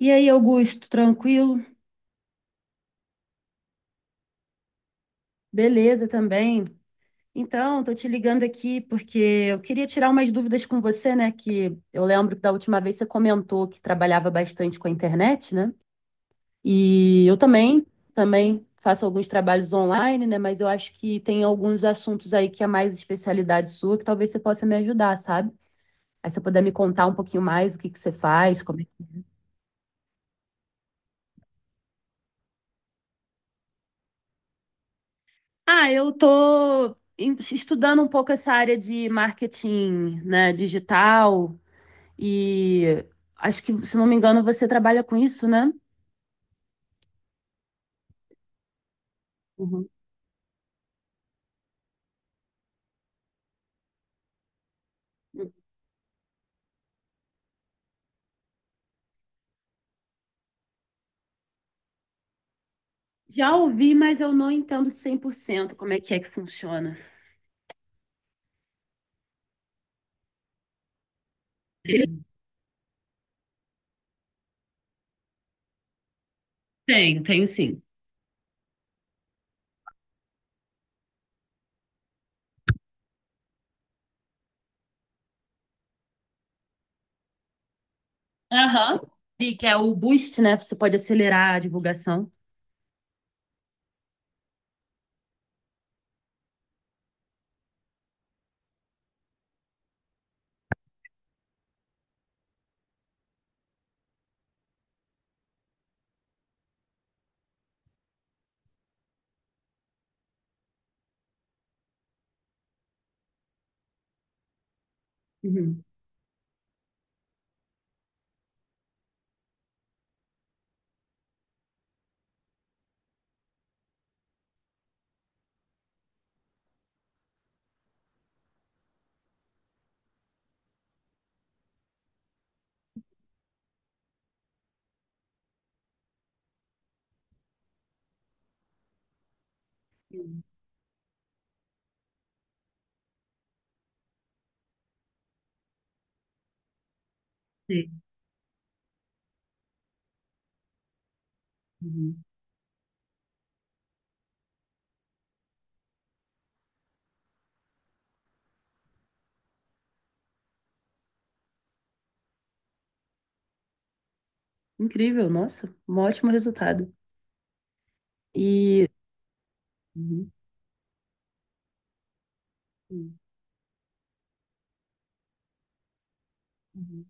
E aí, Augusto, tranquilo? Beleza também. Então, tô te ligando aqui porque eu queria tirar umas dúvidas com você, né? Que eu lembro que da última vez você comentou que trabalhava bastante com a internet, né? E eu também, também faço alguns trabalhos online, né? Mas eu acho que tem alguns assuntos aí que é mais especialidade sua, que talvez você possa me ajudar, sabe? Aí você puder me contar um pouquinho mais o que que você faz, como é. Ah, eu tô estudando um pouco essa área de marketing, né, digital, e acho que, se não me engano, você trabalha com isso, né? Uhum. Já ouvi, mas eu não entendo 100% como é que funciona. Tem, tenho sim. Aham. E que é o boost, né? Você pode acelerar a divulgação. Uhum. Sim. Sim. Uhum. Incrível, nossa, um ótimo resultado. E uhum. Uhum.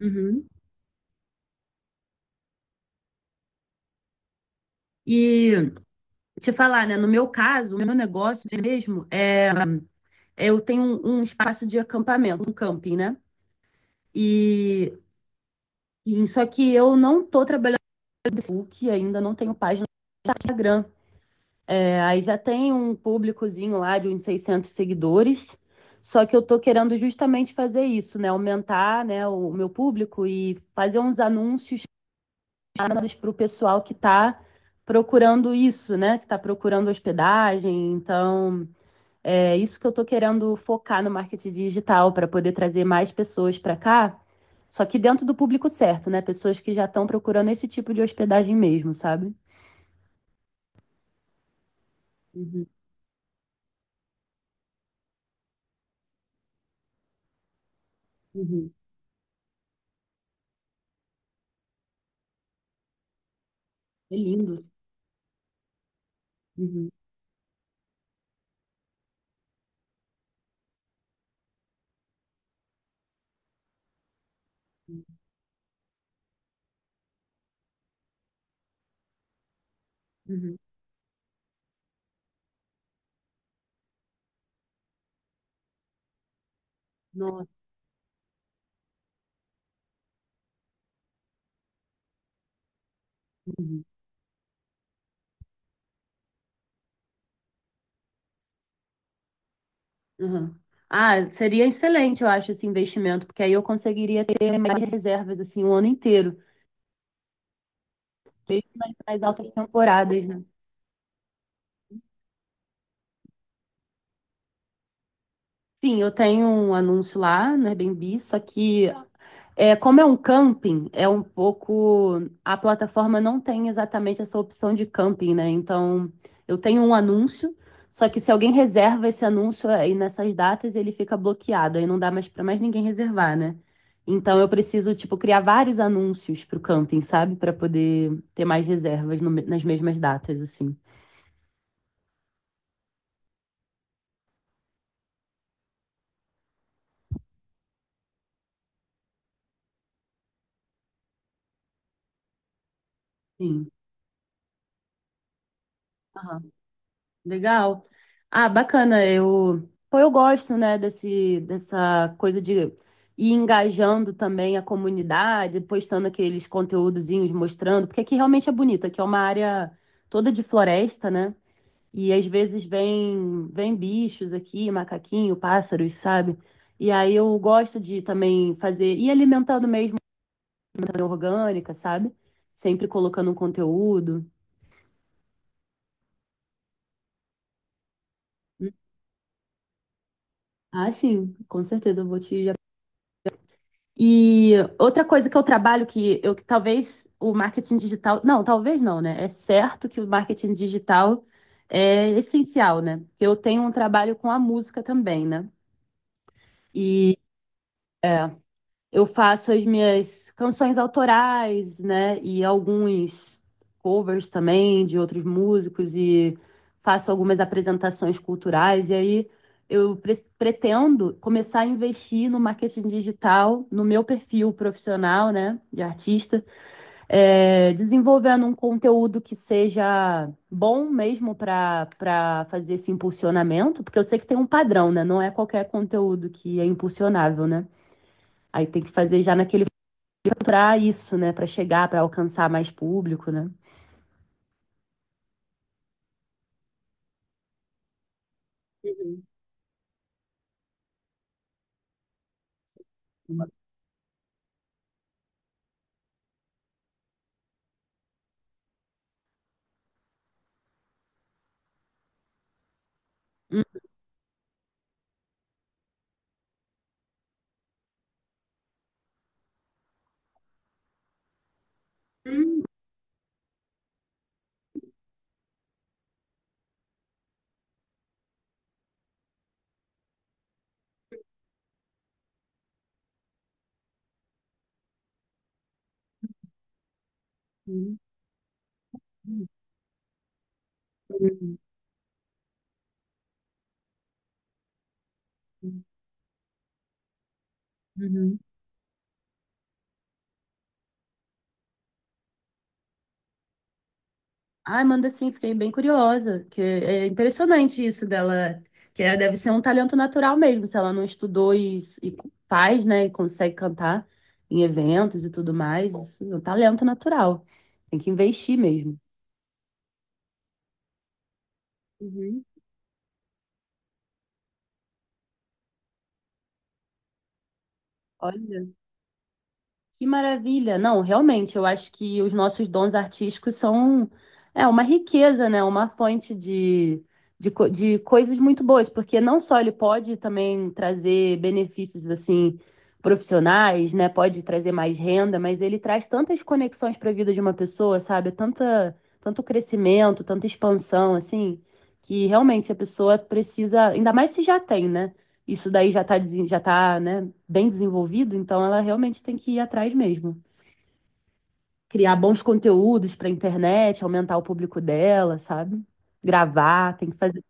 Uhum. E te falar, né? No meu caso, o meu negócio mesmo é, eu tenho um espaço de acampamento, um camping, né? E, e só que eu não tô trabalhando no Facebook, ainda não tenho página no Instagram. É, aí já tem um públicozinho lá de uns 600 seguidores. Só que eu tô querendo justamente fazer isso, né? Aumentar, né, o meu público e fazer uns anúncios para o pessoal que tá procurando isso, né? Que tá procurando hospedagem. Então, é isso que eu estou querendo focar no marketing digital para poder trazer mais pessoas para cá, só que dentro do público certo, né? Pessoas que já estão procurando esse tipo de hospedagem mesmo, sabe? Uhum, uhum. É lindo. Uhum, uhum. Nossa. Uhum, uhum. Ah, seria excelente, eu acho, esse investimento, porque aí eu conseguiria ter mais reservas assim o ano inteiro, mesmo nas nas altas temporadas, né? Sim, eu tenho um anúncio lá no Airbnb, só que é, como é um camping, é um pouco. A plataforma não tem exatamente essa opção de camping, né? Então, eu tenho um anúncio, só que se alguém reserva esse anúncio aí nessas datas, ele fica bloqueado, aí não dá mais para mais ninguém reservar, né? Então, eu preciso, tipo, criar vários anúncios para o camping, sabe? Para poder ter mais reservas no nas mesmas datas, assim. Sim. Legal. Ah, bacana. Eu, pô, eu gosto, né, dessa coisa de ir engajando também a comunidade, postando aqueles conteúdozinhos, mostrando, porque aqui realmente é bonito, aqui é uma área toda de floresta, né? E às vezes vem bichos aqui, macaquinho, pássaros, sabe? E aí eu gosto de também fazer, e alimentando mesmo, alimentação orgânica, sabe? Sempre colocando um conteúdo. Ah, sim, com certeza eu vou te. E outra coisa que eu trabalho, que talvez o marketing digital. Não, talvez não, né? É certo que o marketing digital é essencial, né? Eu tenho um trabalho com a música também, né? Eu faço as minhas canções autorais, né? E alguns covers também de outros músicos e faço algumas apresentações culturais. E aí eu pretendo começar a investir no marketing digital, no meu perfil profissional, né? De artista, é, desenvolvendo um conteúdo que seja bom mesmo para para fazer esse impulsionamento, porque eu sei que tem um padrão, né? Não é qualquer conteúdo que é impulsionável, né? Aí tem que fazer já naquele para isso, né? Para chegar, para alcançar mais público, né? Uhum. Hum. Uhum. Uhum. Uhum. Uhum. Ai, manda sim, fiquei bem curiosa, que é impressionante isso dela, que ela deve ser um talento natural mesmo, se ela não estudou e faz, né, e consegue cantar em eventos e tudo mais, isso é um talento natural. Tem que investir mesmo. Uhum. Olha. Que maravilha! Não, realmente, eu acho que os nossos dons artísticos são é, uma riqueza, né? Uma fonte de, de coisas muito boas, porque não só ele pode também trazer benefícios assim profissionais, né? Pode trazer mais renda, mas ele traz tantas conexões para a vida de uma pessoa, sabe? Tanta, tanto crescimento, tanta expansão, assim, que realmente a pessoa precisa, ainda mais se já tem, né? Isso daí já está, já tá, né, bem desenvolvido, então ela realmente tem que ir atrás mesmo. Criar bons conteúdos para internet, aumentar o público dela, sabe? Gravar, tem que fazer.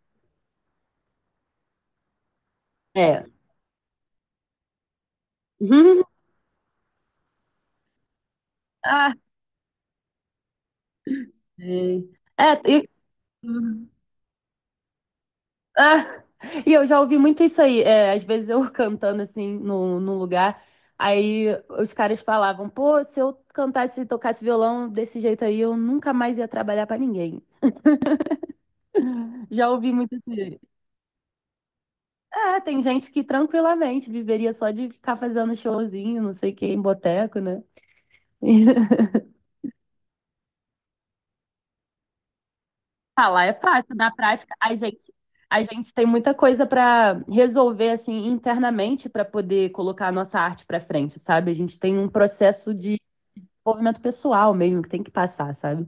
É. Ah, sei. É, e, ah, e eu já ouvi muito isso aí. É, às vezes eu cantando assim no, num lugar, aí os caras falavam, pô, se eu cantasse e tocasse violão desse jeito aí, eu nunca mais ia trabalhar para ninguém. Já ouvi muito isso. É, tem gente que tranquilamente viveria só de ficar fazendo showzinho, não sei o que, em boteco, né? Ah, lá é fácil, na prática, a gente tem muita coisa para resolver assim internamente para poder colocar a nossa arte para frente, sabe? A gente tem um processo de desenvolvimento pessoal mesmo que tem que passar, sabe?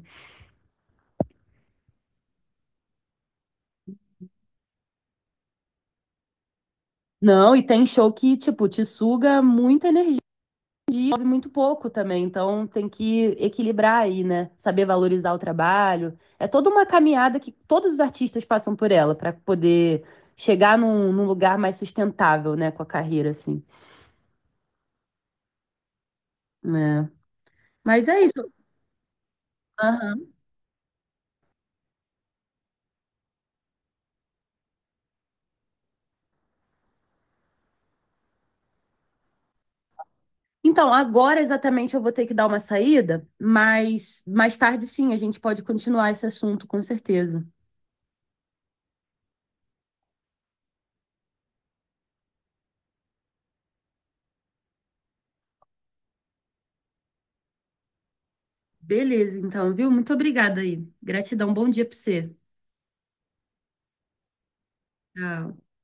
Não, e tem show que, tipo, te suga muita energia e sobe muito pouco também, então tem que equilibrar aí, né? Saber valorizar o trabalho. É toda uma caminhada que todos os artistas passam por ela para poder chegar num lugar mais sustentável, né, com a carreira, assim. É. Mas é isso. Aham. Então, agora exatamente eu vou ter que dar uma saída, mas mais tarde sim a gente pode continuar esse assunto, com certeza. Beleza, então, viu? Muito obrigada aí. Gratidão, bom dia para você. Tchau.